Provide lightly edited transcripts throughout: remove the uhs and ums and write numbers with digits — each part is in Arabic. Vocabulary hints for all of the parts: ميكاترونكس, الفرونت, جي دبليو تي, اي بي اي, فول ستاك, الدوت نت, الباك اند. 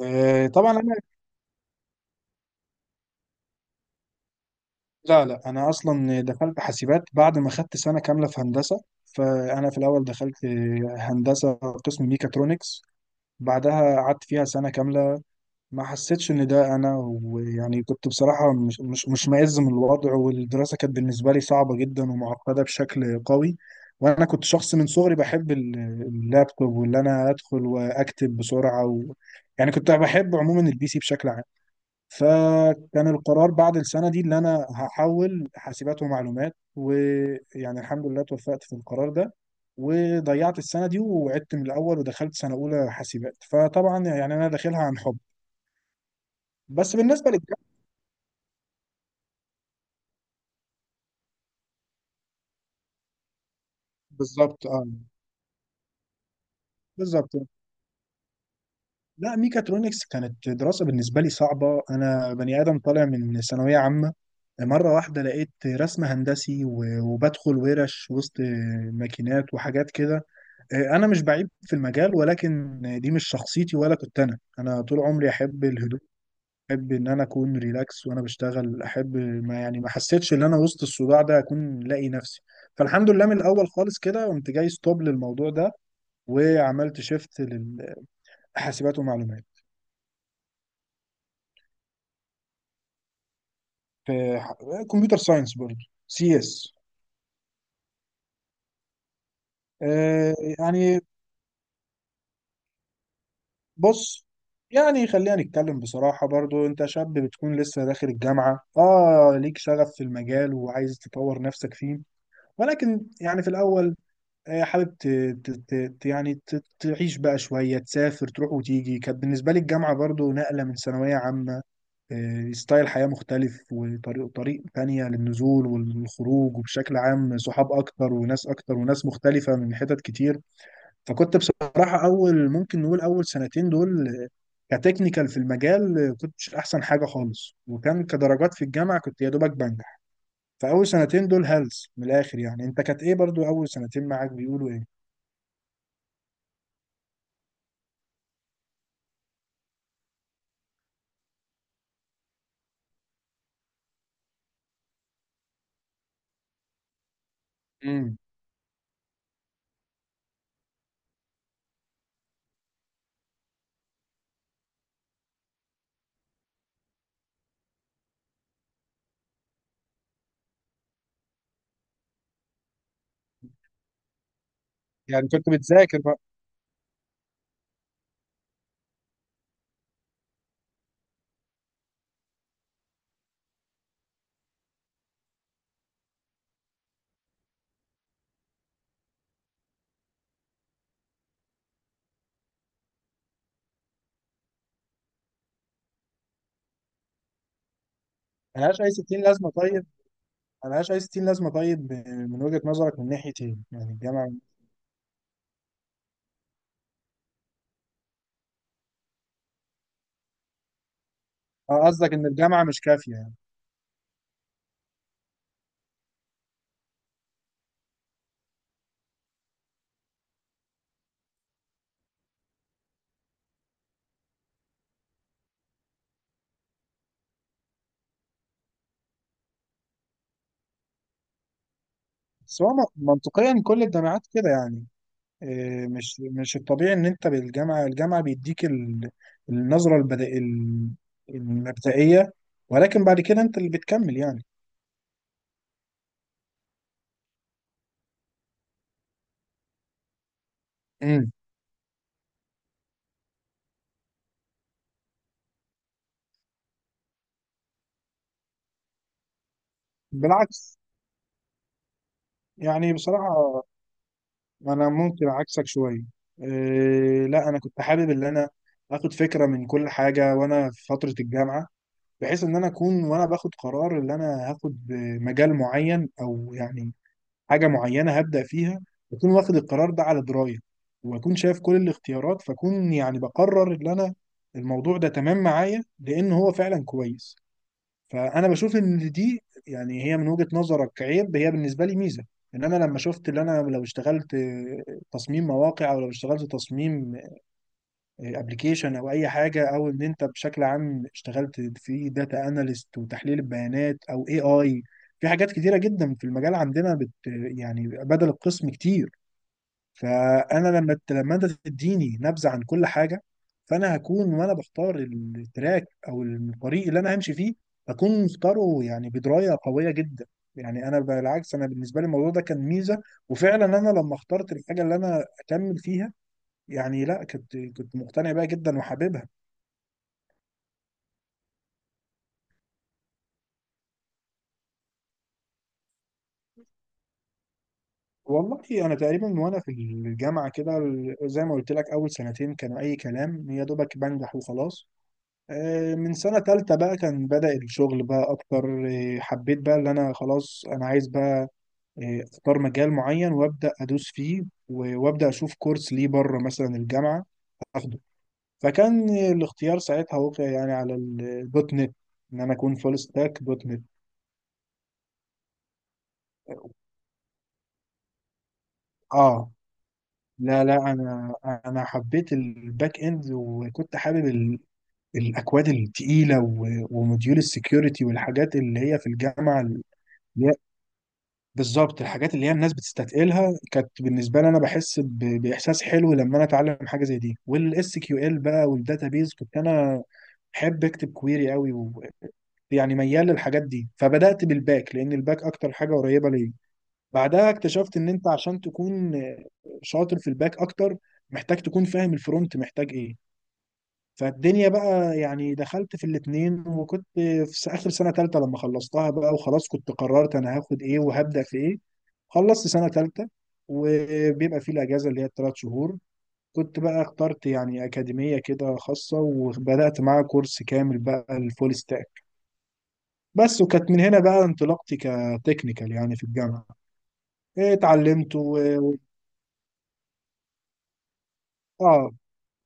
آه، طبعا انا لا انا اصلا دخلت حاسبات بعد ما خدت سنه كامله في هندسه، فانا في الاول دخلت هندسه قسم ميكاترونكس. بعدها قعدت فيها سنه كامله، ما حسيتش ان ده انا. ويعني كنت بصراحه مش مائز من الوضع، والدراسه كانت بالنسبه لي صعبه جدا ومعقده بشكل قوي. وانا كنت شخص من صغري بحب اللابتوب، واللي انا ادخل واكتب بسرعه يعني كنت بحب عموما البي سي بشكل عام. فكان القرار بعد السنة دي اللي أنا هحول حاسبات ومعلومات، ويعني الحمد لله توفقت في القرار ده. وضيعت السنة دي وعدت من الأول، ودخلت سنة أولى حاسبات، فطبعا يعني أنا داخلها عن حب. بس بالنسبة للجامعة، بالظبط اه. بالظبط. لا، ميكاترونكس كانت دراسة بالنسبة لي صعبة، أنا بني آدم طالع من ثانوية عامة، مرة واحدة لقيت رسم هندسي وبدخل ورش وسط ماكينات وحاجات كده. انا مش بعيب في المجال، ولكن دي مش شخصيتي، ولا كنت انا طول عمري احب الهدوء، احب ان انا اكون ريلاكس وانا بشتغل، احب ما يعني ما حسيتش ان انا وسط الصداع ده اكون لاقي نفسي. فالحمد لله من الاول خالص كده قمت جاي ستوب للموضوع ده، وعملت شيفت للحاسبات ومعلومات. في كمبيوتر ساينس برضه، سي اس. يعني بص، يعني خلينا نتكلم بصراحة برضو، انت شاب بتكون لسه داخل الجامعة، اه ليك شغف في المجال وعايز تطور نفسك فيه. ولكن يعني في الأول آه، حابب ت... ت... ت... ت- يعني ت... تعيش بقى شوية، تسافر تروح وتيجي. كانت بالنسبة لي الجامعة برضو نقلة من ثانوية عامة، ستايل حياة مختلف، وطريق تانية للنزول والخروج، وبشكل عام صحاب أكتر وناس أكتر وناس مختلفة من حتت كتير. فكنت بصراحة، أول ممكن نقول أول سنتين دول، كتكنيكال في المجال كنتش احسن حاجه خالص، وكان كدرجات في الجامعه كنت يا دوبك بنجح. فاول سنتين دول هلس من الاخر. يعني انت كانت ايه برضو اول سنتين معاك، بيقولوا ايه؟ امم يعني كنت بتذاكر بقى. ملهاش اي 60 لازمه طيب؟ ملهاش اي 60 لازمه طيب؟ من وجهه نظرك من ناحيه ايه يعني الجامعه؟ اه قصدك ان الجامعه مش كافيه يعني. بس هو منطقيا كل الجامعات كده يعني، إيه، مش الطبيعي ان انت بالجامعه، الجامعه بيديك النظره البدائيه، المبدئيه، ولكن بعد كده انت اللي بتكمل يعني. امم بالعكس، يعني بصراحه انا ممكن عكسك شويه. إيه، لا انا كنت حابب ان انا اخد فكره من كل حاجه وانا في فتره الجامعه، بحيث ان انا اكون وانا باخد قرار ان انا هاخد مجال معين، او يعني حاجه معينه هبدا فيها، اكون واخد القرار ده على درايه، واكون شايف كل الاختيارات، فاكون يعني بقرر ان انا الموضوع ده تمام معايا لان هو فعلا كويس. فانا بشوف ان دي يعني هي من وجهة نظرك عيب، هي بالنسبه لي ميزه. ان انا لما شفت ان انا لو اشتغلت تصميم مواقع، او لو اشتغلت تصميم ابلكيشن، او اي حاجه، او ان انت بشكل عام اشتغلت في داتا اناليست وتحليل البيانات، او اي في حاجات كتيره جدا في المجال عندنا بت، يعني بدل القسم كتير. فانا لما لما انت تديني نبذه عن كل حاجه، فانا هكون وانا بختار التراك او الطريق اللي انا همشي فيه، هكون مختاره يعني بدرايه قويه جدا. يعني انا بالعكس، انا بالنسبه لي الموضوع ده كان ميزه. وفعلا انا لما اخترت الحاجه اللي انا اكمل فيها، يعني لا كنت مقتنع بيها جدا وحاببها. والله انا تقريبا وانا في الجامعه كده زي ما قلت لك، اول سنتين كانوا اي كلام، يا دوبك بنجح وخلاص. من سنه تالتة بقى كان بدأ الشغل بقى اكتر. حبيت بقى اللي انا خلاص انا عايز بقى اختار مجال معين وابدأ ادوس فيه، وابدأ اشوف كورس ليه بره مثلا الجامعه اخده. فكان الاختيار ساعتها وقع يعني على الدوت نت، ان انا اكون فول ستاك دوت نت. اه، لا انا حبيت الباك اند، وكنت حابب الاكواد التقيله وموديول السكيورتي والحاجات اللي هي في الجامعه اللي هي بالظبط، الحاجات اللي هي الناس بتستثقلها كانت بالنسبه لي انا بحس باحساس حلو لما انا اتعلم حاجه زي دي. والاس كيو ال بقى والداتابيز، كنت انا بحب اكتب كويري قوي، ويعني ميال للحاجات دي. فبدات بالباك لان الباك اكتر حاجه قريبه ليا. بعدها اكتشفت ان انت عشان تكون شاطر في الباك اكتر، محتاج تكون فاهم الفرونت محتاج ايه. فالدنيا بقى يعني دخلت في الاتنين، وكنت في اخر سنة تالتة لما خلصتها بقى، وخلاص كنت قررت انا هاخد ايه وهبدأ في ايه. خلصت سنة تالتة وبيبقى في الاجازة اللي هي الثلاث شهور، كنت بقى اخترت يعني أكاديمية كده خاصة، وبدأت معاها كورس كامل بقى الفول ستاك بس، وكانت من هنا بقى انطلاقتي كتكنيكال يعني في الجامعة. اتعلمت اه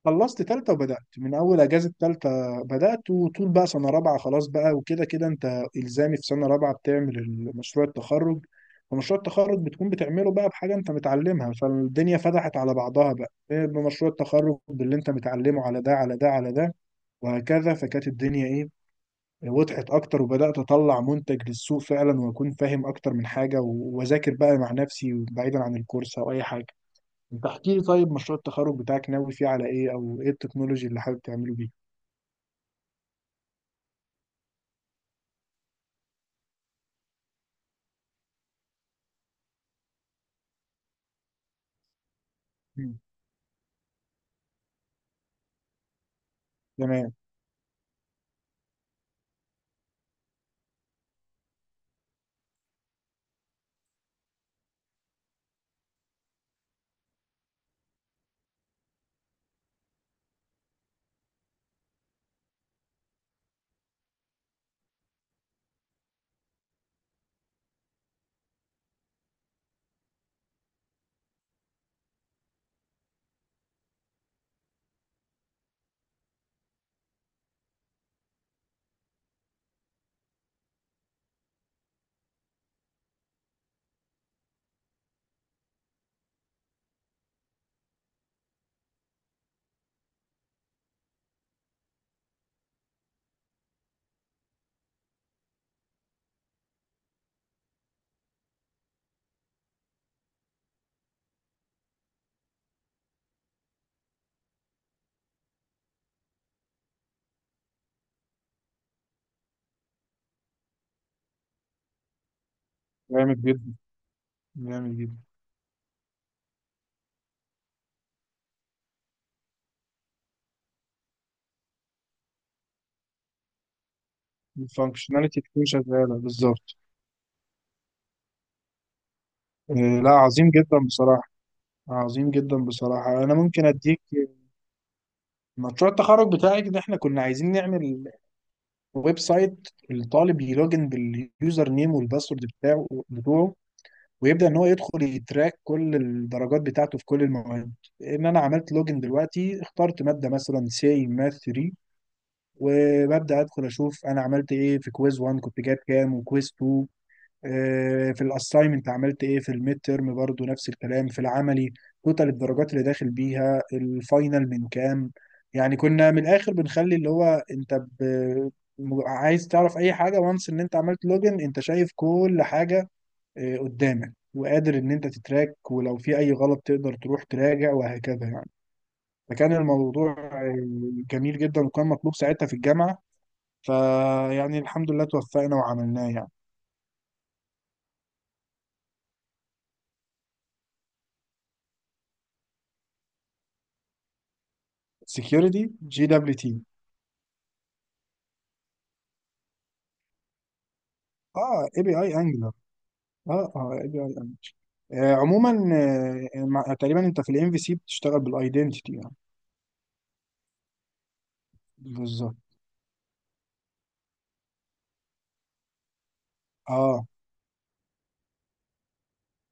خلصت تالتة، وبدأت من أول أجازة تالتة بدأت، وطول بقى سنة رابعة خلاص بقى، وكده كده أنت إلزامي في سنة رابعة بتعمل مشروع التخرج. ومشروع التخرج بتكون بتعمله بقى بحاجة أنت متعلمها. فالدنيا فتحت على بعضها بقى إيه بمشروع التخرج، باللي أنت متعلمه على ده على ده على ده وهكذا. فكانت الدنيا إيه وضحت أكتر، وبدأت أطلع منتج للسوق فعلا، وأكون فاهم أكتر من حاجة، وأذاكر بقى مع نفسي بعيدا عن الكورس أو أي حاجة. انت احكي لي طيب، مشروع التخرج بتاعك ناوي فيه على ايه، او ايه التكنولوجي اللي حابب تعمله بيه؟ مم. تمام. جامد جدا. جامد جدا. الفانكشناليتي تكون شغاله بالظبط. آه. لا عظيم جدا بصراحه، عظيم جدا بصراحه. انا ممكن اديك مشروع التخرج بتاعي، ان احنا كنا عايزين نعمل ويب سايت، الطالب يلوجن باليوزر نيم والباسورد بتوعه، ويبدا ان هو يدخل يتراك كل الدرجات بتاعته في كل المواد. ان انا عملت لوجن دلوقتي، اخترت ماده مثلا سي ماث 3، وببدا ادخل اشوف انا عملت ايه في كويز 1 كنت جايب كام، وكويز 2، في الاساينمنت عملت ايه، في الميد تيرم برضو نفس الكلام، في العملي توتال الدرجات اللي داخل بيها الفاينل من كام. يعني كنا من الاخر بنخلي اللي هو انت ب... عايز تعرف اي حاجه، وانس ان انت عملت لوجن، انت شايف كل حاجه قدامك، وقادر ان انت تتراك، ولو في اي غلط تقدر تروح تراجع، وهكذا يعني. فكان الموضوع جميل جدا، وكان مطلوب ساعتها في الجامعه، فيعني الحمد لله توفقنا وعملناه يعني. سكيورتي جي دبليو تي. اه اي بي اي انجلر. اه اي بي اي انجلر. آه عموما، آه تقريبا انت في الام في سي بتشتغل بالايدنتيتي يعني. بالظبط اه.